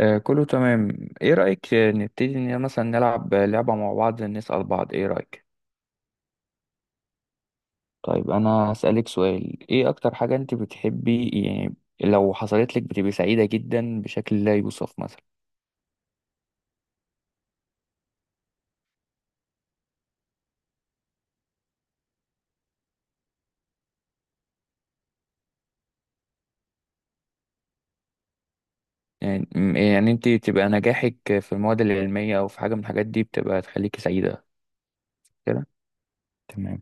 كله تمام. ايه رأيك نبتدي ان مثلا نلعب لعبة مع بعض، نسأل بعض؟ ايه رأيك؟ طيب انا هسألك سؤال. ايه اكتر حاجة انت بتحبي يعني، لو حصلت لك بتبقي سعيدة جدا بشكل لا يوصف مثلا؟ يعني انت تبقى نجاحك في المواد العلمية او في حاجة من الحاجات دي بتبقى تخليكي سعيدة كده؟ تمام.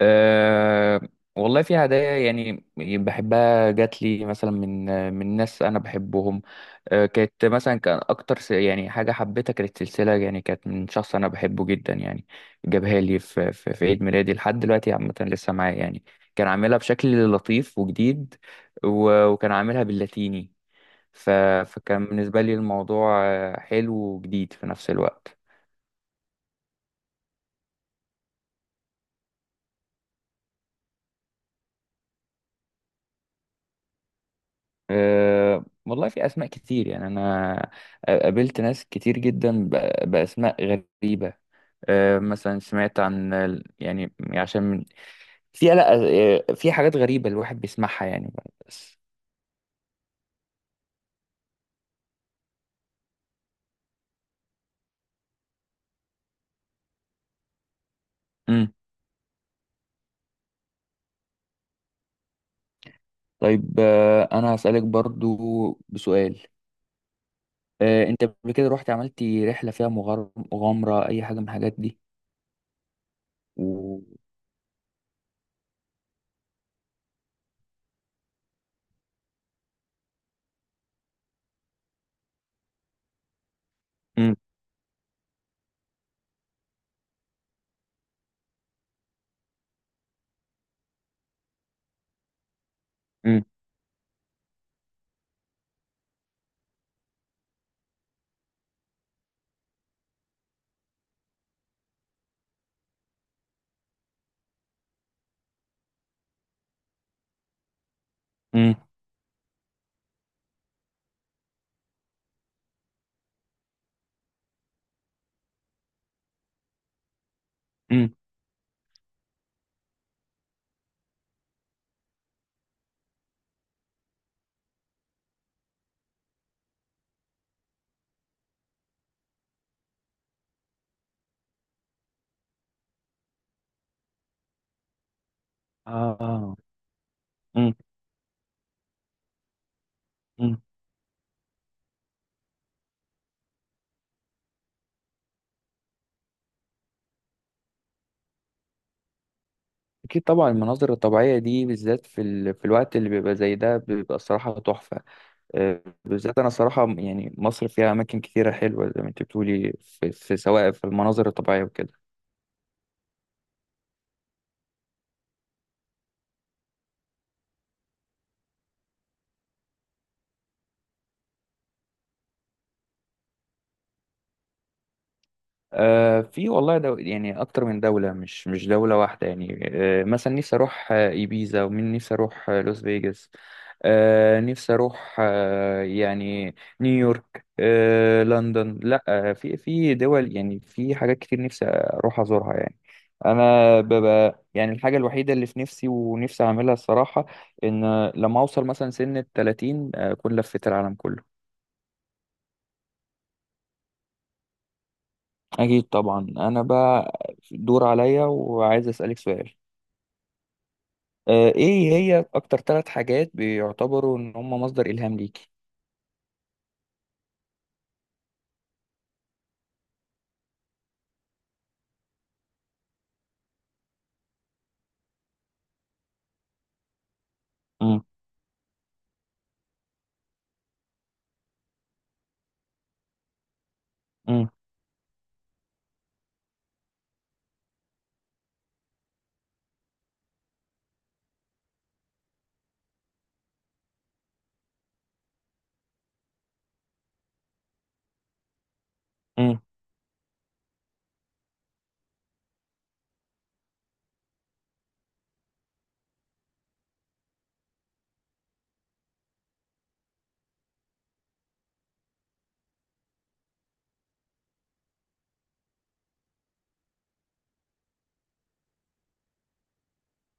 أه والله في هدايا يعني بحبها، جات لي مثلا من ناس انا بحبهم. أه كانت مثلا، كان يعني حاجه حبيتها كانت سلسله، يعني كانت من شخص انا بحبه جدا يعني. جابها لي في عيد ميلادي، لحد دلوقتي عامه لسه معايا يعني. كان عاملها بشكل لطيف وجديد، وكان عاملها باللاتيني. ف- فكان بالنسبه لي الموضوع حلو وجديد في نفس الوقت. أه والله في أسماء كتير يعني. أنا قابلت ناس كتير جدا بأسماء غريبة. أه مثلا سمعت عن يعني في، لا، في حاجات غريبة الواحد بيسمعها يعني، بس. مم. طيب أنا هسألك برضو بسؤال. أه أنت قبل كده رحت عملتي رحلة فيها مغامرة، أي حاجة من الحاجات دي؟ و... مم. مم. مم. مم. آه. مم. مم. أكيد طبعا. المناظر الطبيعية دي بالذات في الوقت اللي بيبقى زي ده بيبقى الصراحة تحفة. بالذات أنا صراحة يعني، مصر فيها أماكن كتيرة حلوة زي ما أنت بتقولي في، سواء في المناظر الطبيعية وكده. في والله يعني اكتر من دولة، مش دولة واحدة يعني. مثلا نفسي اروح ايبيزا، ومن نفسي اروح لوس فيجاس، نفسي اروح يعني نيويورك، لندن، لا في دول. يعني في حاجات كتير نفسي اروح ازورها يعني. انا ببقى يعني الحاجة الوحيدة اللي في نفسي ونفسي اعملها الصراحة، ان لما اوصل مثلا سن ال 30 اكون لفيت العالم كله. اكيد طبعا. انا بقى دور عليا، وعايز اسالك سؤال. ايه هي اكتر ثلاث حاجات بيعتبروا ان هم مصدر الهام ليكي؟ امم. امم. امم.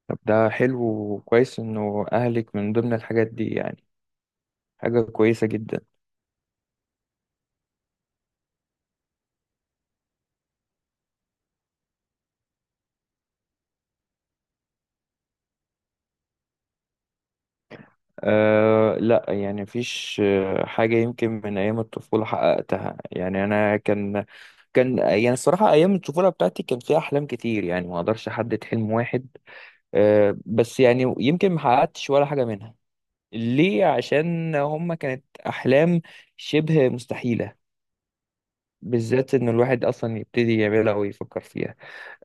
طب ده حلو وكويس انه اهلك من ضمن الحاجات دي يعني. حاجة كويسة جدا. أه لا، يعني مفيش حاجة يمكن من أيام الطفولة حققتها يعني. أنا كان يعني الصراحة أيام الطفولة بتاعتي كان فيها أحلام كتير، يعني ما أقدرش أحدد حلم واحد. أه بس يعني يمكن ما حققتش ولا حاجة منها، ليه؟ عشان هما كانت أحلام شبه مستحيلة، بالذات ان الواحد اصلا يبتدي يعملها ويفكر فيها.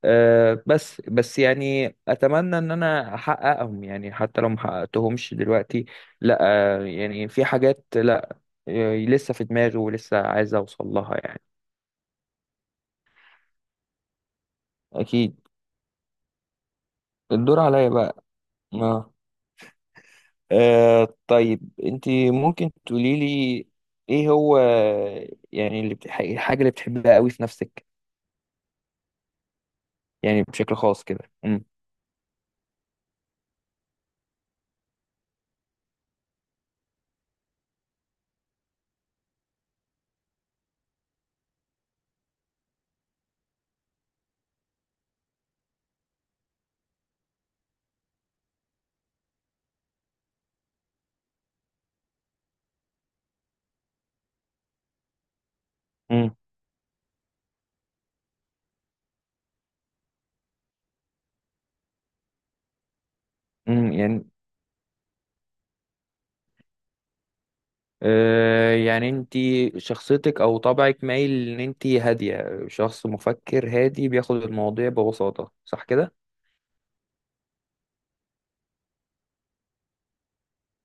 أه بس يعني اتمنى ان انا احققهم، يعني حتى لو ما حققتهمش دلوقتي. لا، أه يعني في حاجات، لا، لسه في دماغي ولسه عايز اوصل لها يعني. اكيد. الدور عليا بقى. اه. أه طيب انت ممكن تقولي لي ايه هو يعني الحاجة اللي بتحبها قوي في نفسك يعني، بشكل خاص كده؟ امم. امم. يعني يعني انت شخصيتك او طبعك مايل ان انت هادية، شخص مفكر هادي بياخد المواضيع ببساطة، صح كده؟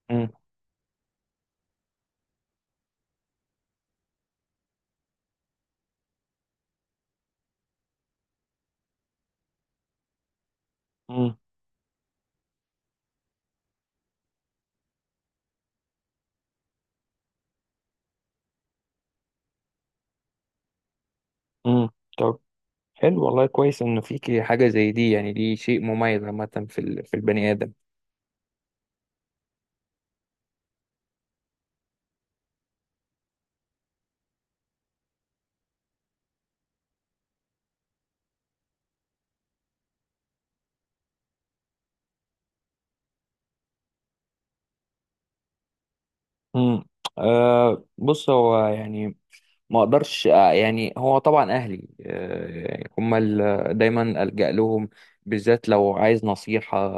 امم. امم. امم. طب حلو والله، كويس انه فيكي حاجة زي دي يعني. دي شيء مميز عامة في البني آدم. امم. آه بص هو يعني ما اقدرش يعني هو طبعا اهلي يعني هم دايما الجا لهم، بالذات لو عايز نصيحه،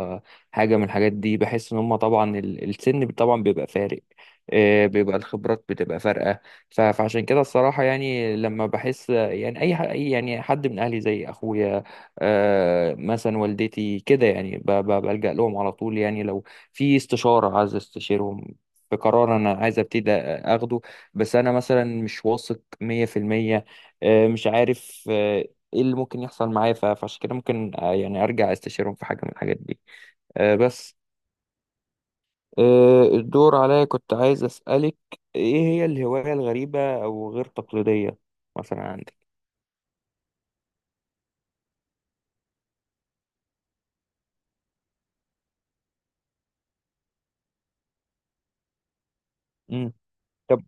حاجه من الحاجات دي. بحس ان هم طبعا السن طبعا بيبقى فارق، بيبقى الخبرات بتبقى فارقه. فعشان كده الصراحه يعني، لما بحس يعني أي يعني حد من اهلي زي اخويا مثلا والدتي كده، يعني بلجا لهم على طول، يعني لو في استشاره عايز استشيرهم، في قرار انا عايز ابتدي اخده، بس انا مثلا مش واثق مية في المية، مش عارف ايه اللي ممكن يحصل معايا. فعشان كده ممكن يعني ارجع استشيرهم في حاجة من الحاجات دي، بس. الدور عليا. كنت عايز اسألك ايه هي الهواية الغريبة او غير تقليدية مثلا عندك؟ مم. طب.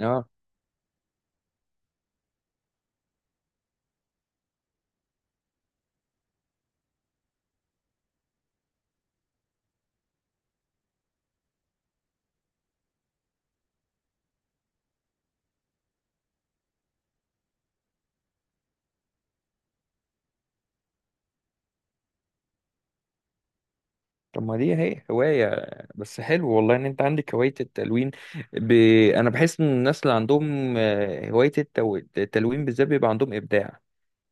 اه. طب ما دي هي هواية. بس حلو والله ان انت عندك هواية التلوين. ب... انا بحس ان الناس اللي عندهم هواية التلوين بالذات بيبقى عندهم ابداع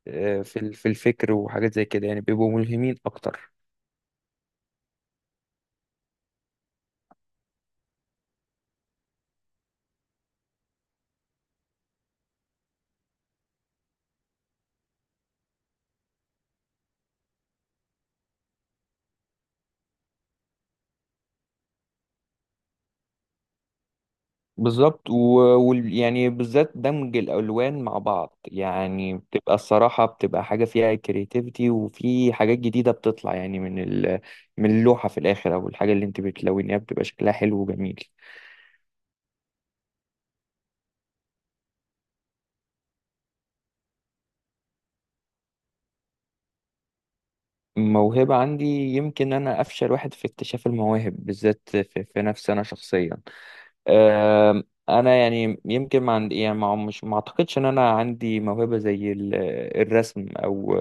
في الفكر وحاجات زي كده، يعني بيبقوا ملهمين اكتر. بالظبط. ويعني بالذات دمج الالوان مع بعض يعني، بتبقى الصراحه، بتبقى حاجه فيها كرياتيفيتي، وفي حاجات جديده بتطلع يعني من من اللوحه في الاخر، او الحاجه اللي انت بتلونيها بتبقى شكلها حلو وجميل. موهبه عندي؟ يمكن انا افشل واحد في اكتشاف المواهب، بالذات في نفسي انا شخصيا. آم، انا يعني يمكن ما عندي يعني ما مش ما اعتقدش ان انا عندي موهبه زي الرسم او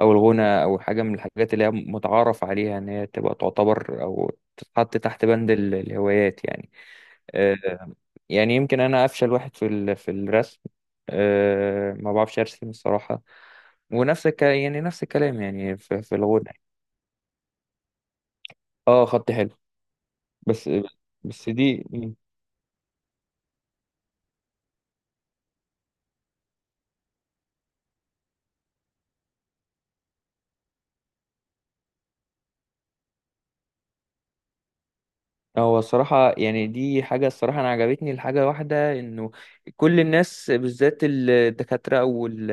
الغنى او حاجه من الحاجات اللي هي متعارف عليها ان هي تبقى تعتبر او تتحط تحت بند الهوايات يعني. آه، يعني يمكن انا افشل واحد في الرسم. ما بعرفش ارسم الصراحه. يعني نفس الكلام يعني في الغنى. اه خطي حلو. بس. بس دي. هو الصراحة يعني دي حاجة الصراحة أنا عجبتني. الحاجة واحدة، إنه كل الناس بالذات الدكاترة أو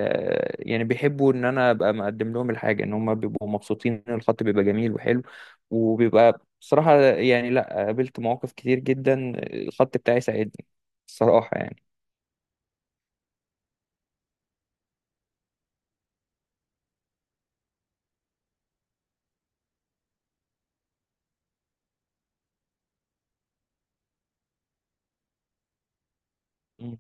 يعني بيحبوا إن أنا أبقى مقدم لهم الحاجة، إن هم بيبقوا مبسوطين إن الخط بيبقى جميل وحلو، وبيبقى بصراحة يعني. لأ، قابلت مواقف كتير جدا الخط بتاعي ساعدني الصراحة يعني. مم.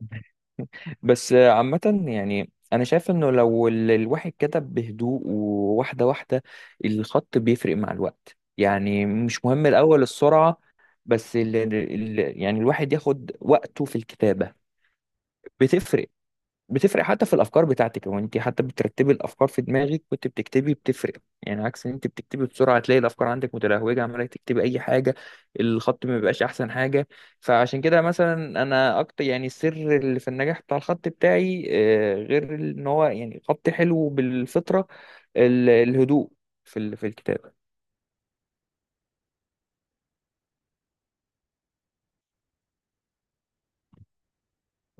مم. بس عامة يعني أنا شايف إنه لو الواحد كتب بهدوء وواحدة واحدة، الخط بيفرق مع الوقت يعني، مش مهم الأول السرعة. بس يعني الواحد ياخد وقته في الكتابة، بتفرق. بتفرق حتى في الافكار بتاعتك. هو انت حتى بترتبي الافكار في دماغك وانت بتكتبي، بتفرق. يعني عكس ان انت بتكتبي بسرعه، تلاقي الافكار عندك متلهوجه عماله تكتبي اي حاجه، الخط ما بيبقاش احسن حاجه. فعشان كده مثلا انا اكتر يعني السر اللي في النجاح بتاع الخط بتاعي غير ان هو يعني خط حلو بالفطره، الهدوء في الكتابه.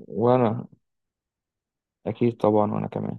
وانا اكيد طبعا، وانا كمان.